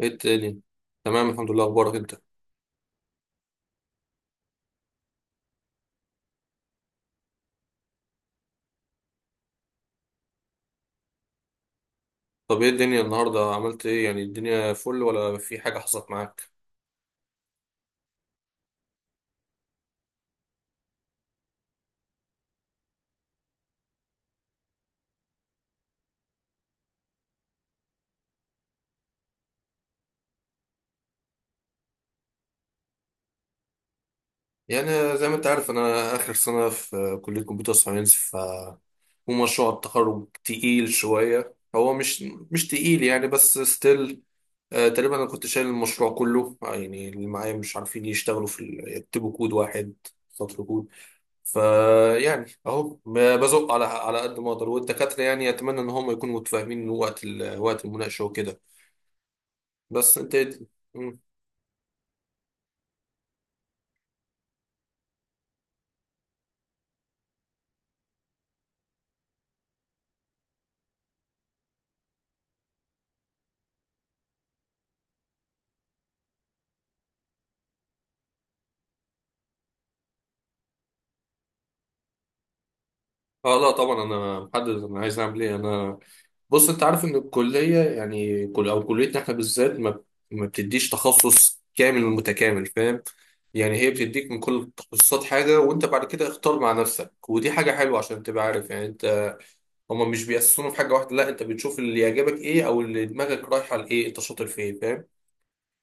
ايه التاني. تمام الحمد لله، اخبارك انت؟ طب ايه الدنيا النهارده عملت ايه، يعني الدنيا فل ولا في حاجه حصلت معاك؟ يعني زي ما انت عارف انا اخر سنه في كليه كمبيوتر ساينس، ف ومشروع التخرج تقيل شويه. هو مش مش تقيل يعني بس ستيل، تقريبا انا كنت شايل المشروع كله، يعني اللي معايا مش عارفين يشتغلوا يكتبوا كود واحد، سطر كود. فيعني اهو بزق على قد ما اقدر، والدكاتره يعني اتمنى ان هم يكونوا متفاهمين وقت المناقشه وكده. بس انت ايه؟ مم. اه لا طبعا، انا محدد انا عايز اعمل ايه انا. بص، انت عارف ان الكليه يعني كل او كليتنا احنا بالذات ما بتديش تخصص كامل متكامل، فاهم؟ يعني هي بتديك من كل التخصصات حاجه، وانت بعد كده اختار مع نفسك، ودي حاجه حلوه عشان تبقى عارف يعني انت. هما مش بيأسسونا في حاجه واحده لا، انت بتشوف اللي يعجبك ايه او اللي دماغك رايحه لايه، انت شاطر في ايه، فاهم؟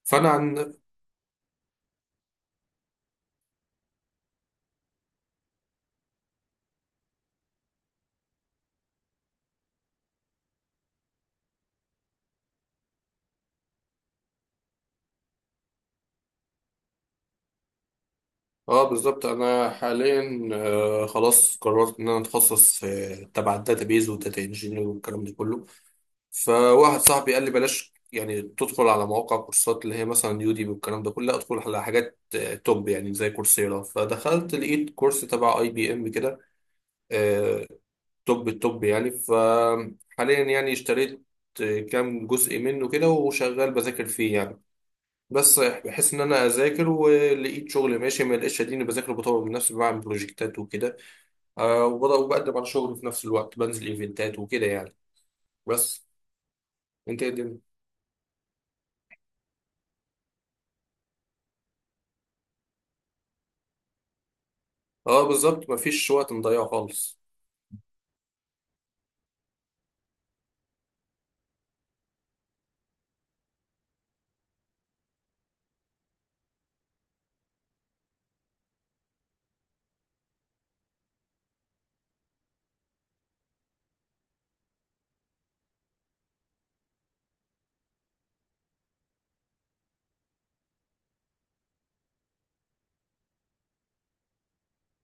فانا عن. اه بالظبط، انا حاليا خلاص قررت ان انا اتخصص في تبع الداتابيز والداتا انجينير والكلام ده كله. فواحد صاحبي قال لي بلاش يعني تدخل على مواقع كورسات اللي هي مثلا يوديمي والكلام ده كله، لا ادخل على حاجات توب يعني زي كورسيرا. فدخلت لقيت كورس تبع اي بي ام كده، آه، توب التوب يعني. فحاليا يعني اشتريت كام جزء منه كده وشغال بذاكر فيه يعني. بس بحس ان انا اذاكر ولقيت شغل ماشي، ما لقيتش اديني بذاكر وبطور من نفسي بعمل بروجكتات وكده. آه وبقدم على شغل في نفس الوقت، بنزل ايفنتات وكده يعني، بس. انت ايه الدنيا؟ اه بالظبط، مفيش وقت مضيعه خالص.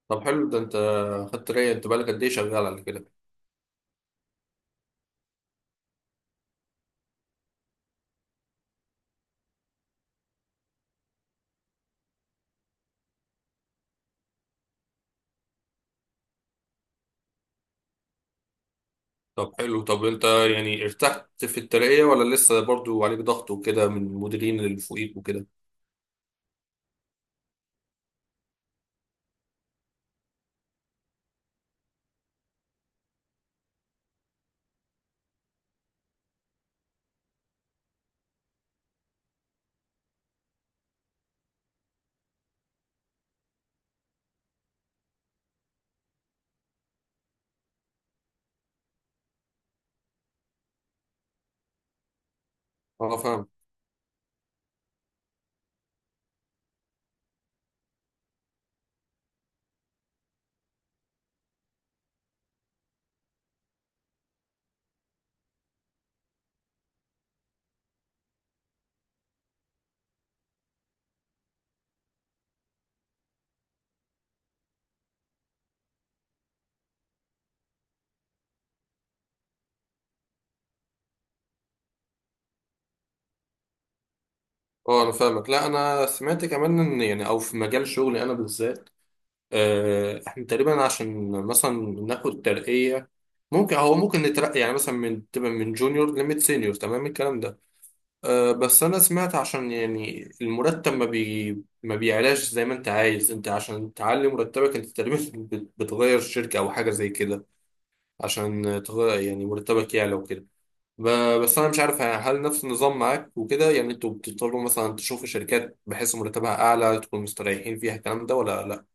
طب حلو ده، انت خدت ترقية؟ انت بقالك قد ايه شغال على كده؟ طب حلو، طب انت يعني ارتحت في الترقية ولا لسه برضو عليك ضغط وكده من المديرين اللي فوقيك وكده؟ اه فاهم. اه انا فاهمك، لا انا سمعت كمان ان يعني او في مجال شغلي انا بالذات، احنا تقريبا عشان مثلا ناخد ترقية ممكن، هو ممكن نترقي يعني مثلا من تبقى من جونيور لميد سينيور، تمام الكلام ده. أه بس انا سمعت عشان يعني المرتب ما بيعلاش زي ما انت عايز، انت عشان تعلي مرتبك انت تقريبا بتغير شركة او حاجة زي كده، عشان تغير يعني مرتبك يعلى وكده. بس انا مش عارف هل نفس النظام معاك وكده؟ يعني انتوا بتضطروا مثلا تشوفوا شركات بحيث مرتبها اعلى تكونوا مستريحين فيها الكلام ده ولا لا؟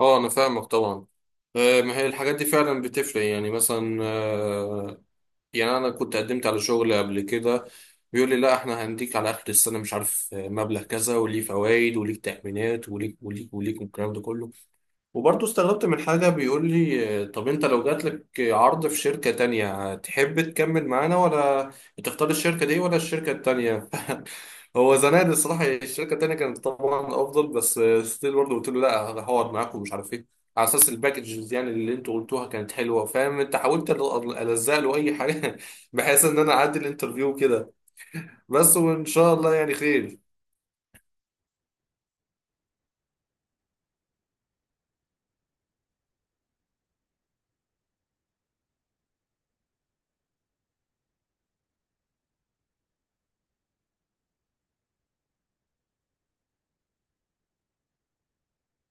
اه انا فاهمك طبعا. ما هي الحاجات دي فعلا بتفرق، يعني مثلا يعني انا كنت قدمت على شغل قبل كده، بيقول لي لا احنا هنديك على اخر السنه مش عارف مبلغ كذا وليه فوائد وليك تأمينات وليك وليك وليك والكلام ده كله. وبرضه استغربت من حاجة، بيقول لي طب انت لو جاتلك عرض في شركة تانية تحب تكمل معانا ولا تختار الشركة دي ولا الشركة التانية؟ هو زمان الصراحة الشركة التانية كانت طبعا أفضل، بس ستيل برضه قلت له لا هحاول معاكم، ومش عارف ايه، على أساس الباكجز يعني اللي انتوا قلتوها كانت حلوة، فاهم انت؟ حاولت ألزق له أي حاجة بحيث إن أنا أعدي الانترفيو كده. بس وإن شاء الله يعني خير.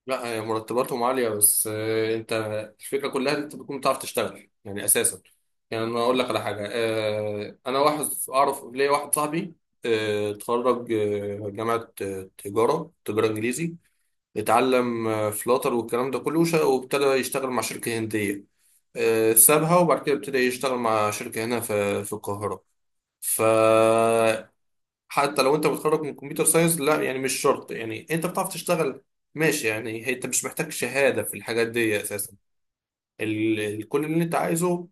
لا هي مرتباتهم عالية، بس انت الفكرة كلها ان انت بتكون بتعرف تشتغل يعني اساسا. يعني انا اقول لك على حاجة، انا واحد اعرف ليا واحد صاحبي، اتخرج جامعة تجارة انجليزي، اتعلم فلاتر والكلام ده كله، وابتدى يشتغل مع شركة هندية. سابها وبعد كده ابتدى يشتغل مع شركة هنا في القاهرة. ف حتى لو انت متخرج من كمبيوتر ساينس لا، يعني مش شرط، يعني انت بتعرف تشتغل ماشي يعني. انت مش محتاج شهادة في الحاجات دي اساسا. كل اللي انت عايزه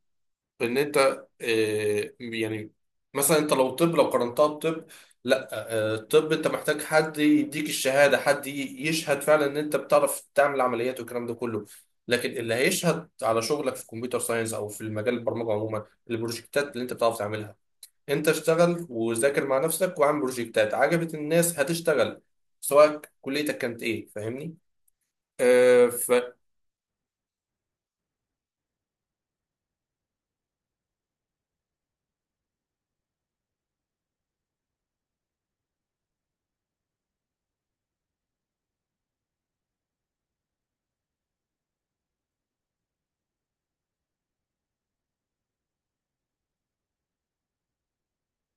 ان انت اه، يعني مثلا انت لو طب لو قارنتها بطب لا، اه الطب انت محتاج حد يديك الشهادة، حد يشهد فعلا ان انت بتعرف تعمل عمليات والكلام ده كله. لكن اللي هيشهد على شغلك في كمبيوتر ساينس او في المجال البرمجة عموما البروجكتات اللي انت بتعرف تعملها. انت اشتغل وذاكر مع نفسك واعمل بروجكتات عجبت الناس هتشتغل، سواء كليتك كانت ايه، فاهمني؟ اه ف.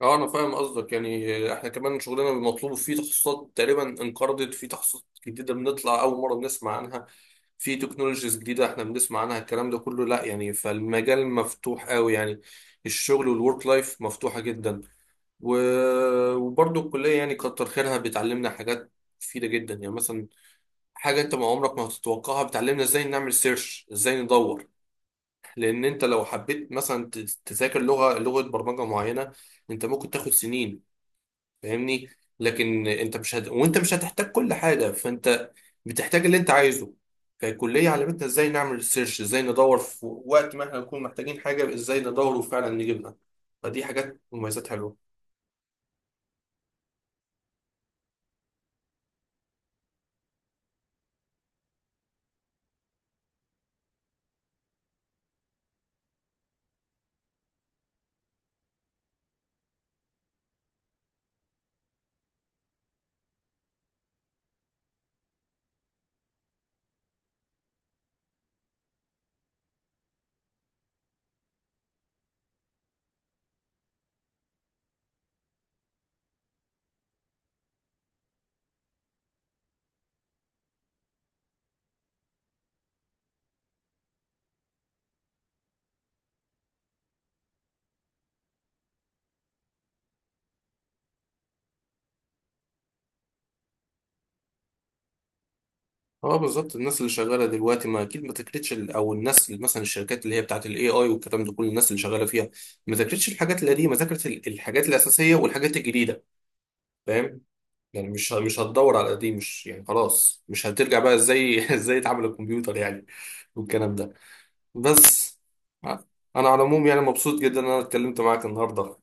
اه انا فاهم قصدك يعني، احنا كمان شغلنا مطلوب فيه تخصصات تقريبا انقرضت، في تخصصات جديده بنطلع اول مره بنسمع عنها، في تكنولوجيز جديده احنا بنسمع عنها الكلام ده كله لا يعني، فالمجال مفتوح قوي يعني، الشغل والورك لايف مفتوحه جدا و... وبرضه الكليه يعني كتر خيرها بتعلمنا حاجات مفيده جدا يعني، مثلا حاجة انت ما عمرك ما هتتوقعها، بتعلمنا ازاي نعمل سيرش، ازاي ندور، لان انت لو حبيت مثلا تذاكر لغة برمجة معينة، انت ممكن تاخد سنين، فاهمني؟ لكن انت مش هت... وانت مش هتحتاج كل حاجة، فانت بتحتاج اللي انت عايزه. فالكلية علمتنا ازاي نعمل سيرش، ازاي ندور في وقت ما احنا نكون محتاجين حاجة، ازاي ندور وفعلا نجيبها، فدي حاجات مميزات حلوة. اه بالظبط، الناس اللي شغاله دلوقتي ما اكيد ما تكرتش او الناس اللي مثلا الشركات اللي هي بتاعت الاي اي والكلام ده كل الناس اللي شغاله فيها ما ذاكرتش الحاجات القديمه، ذاكرت الحاجات الاساسيه والحاجات الجديده، فاهم؟ يعني مش هتدور على القديم، مش يعني خلاص مش هترجع بقى ازاي ازاي اتعامل الكمبيوتر يعني والكلام ده، بس. ع- انا على العموم يعني مبسوط جدا ان انا اتكلمت معاك النهارده.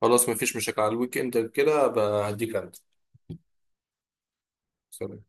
خلاص ما فيش مشاكل، على الويك اند كده بقى هديك انت. سلام.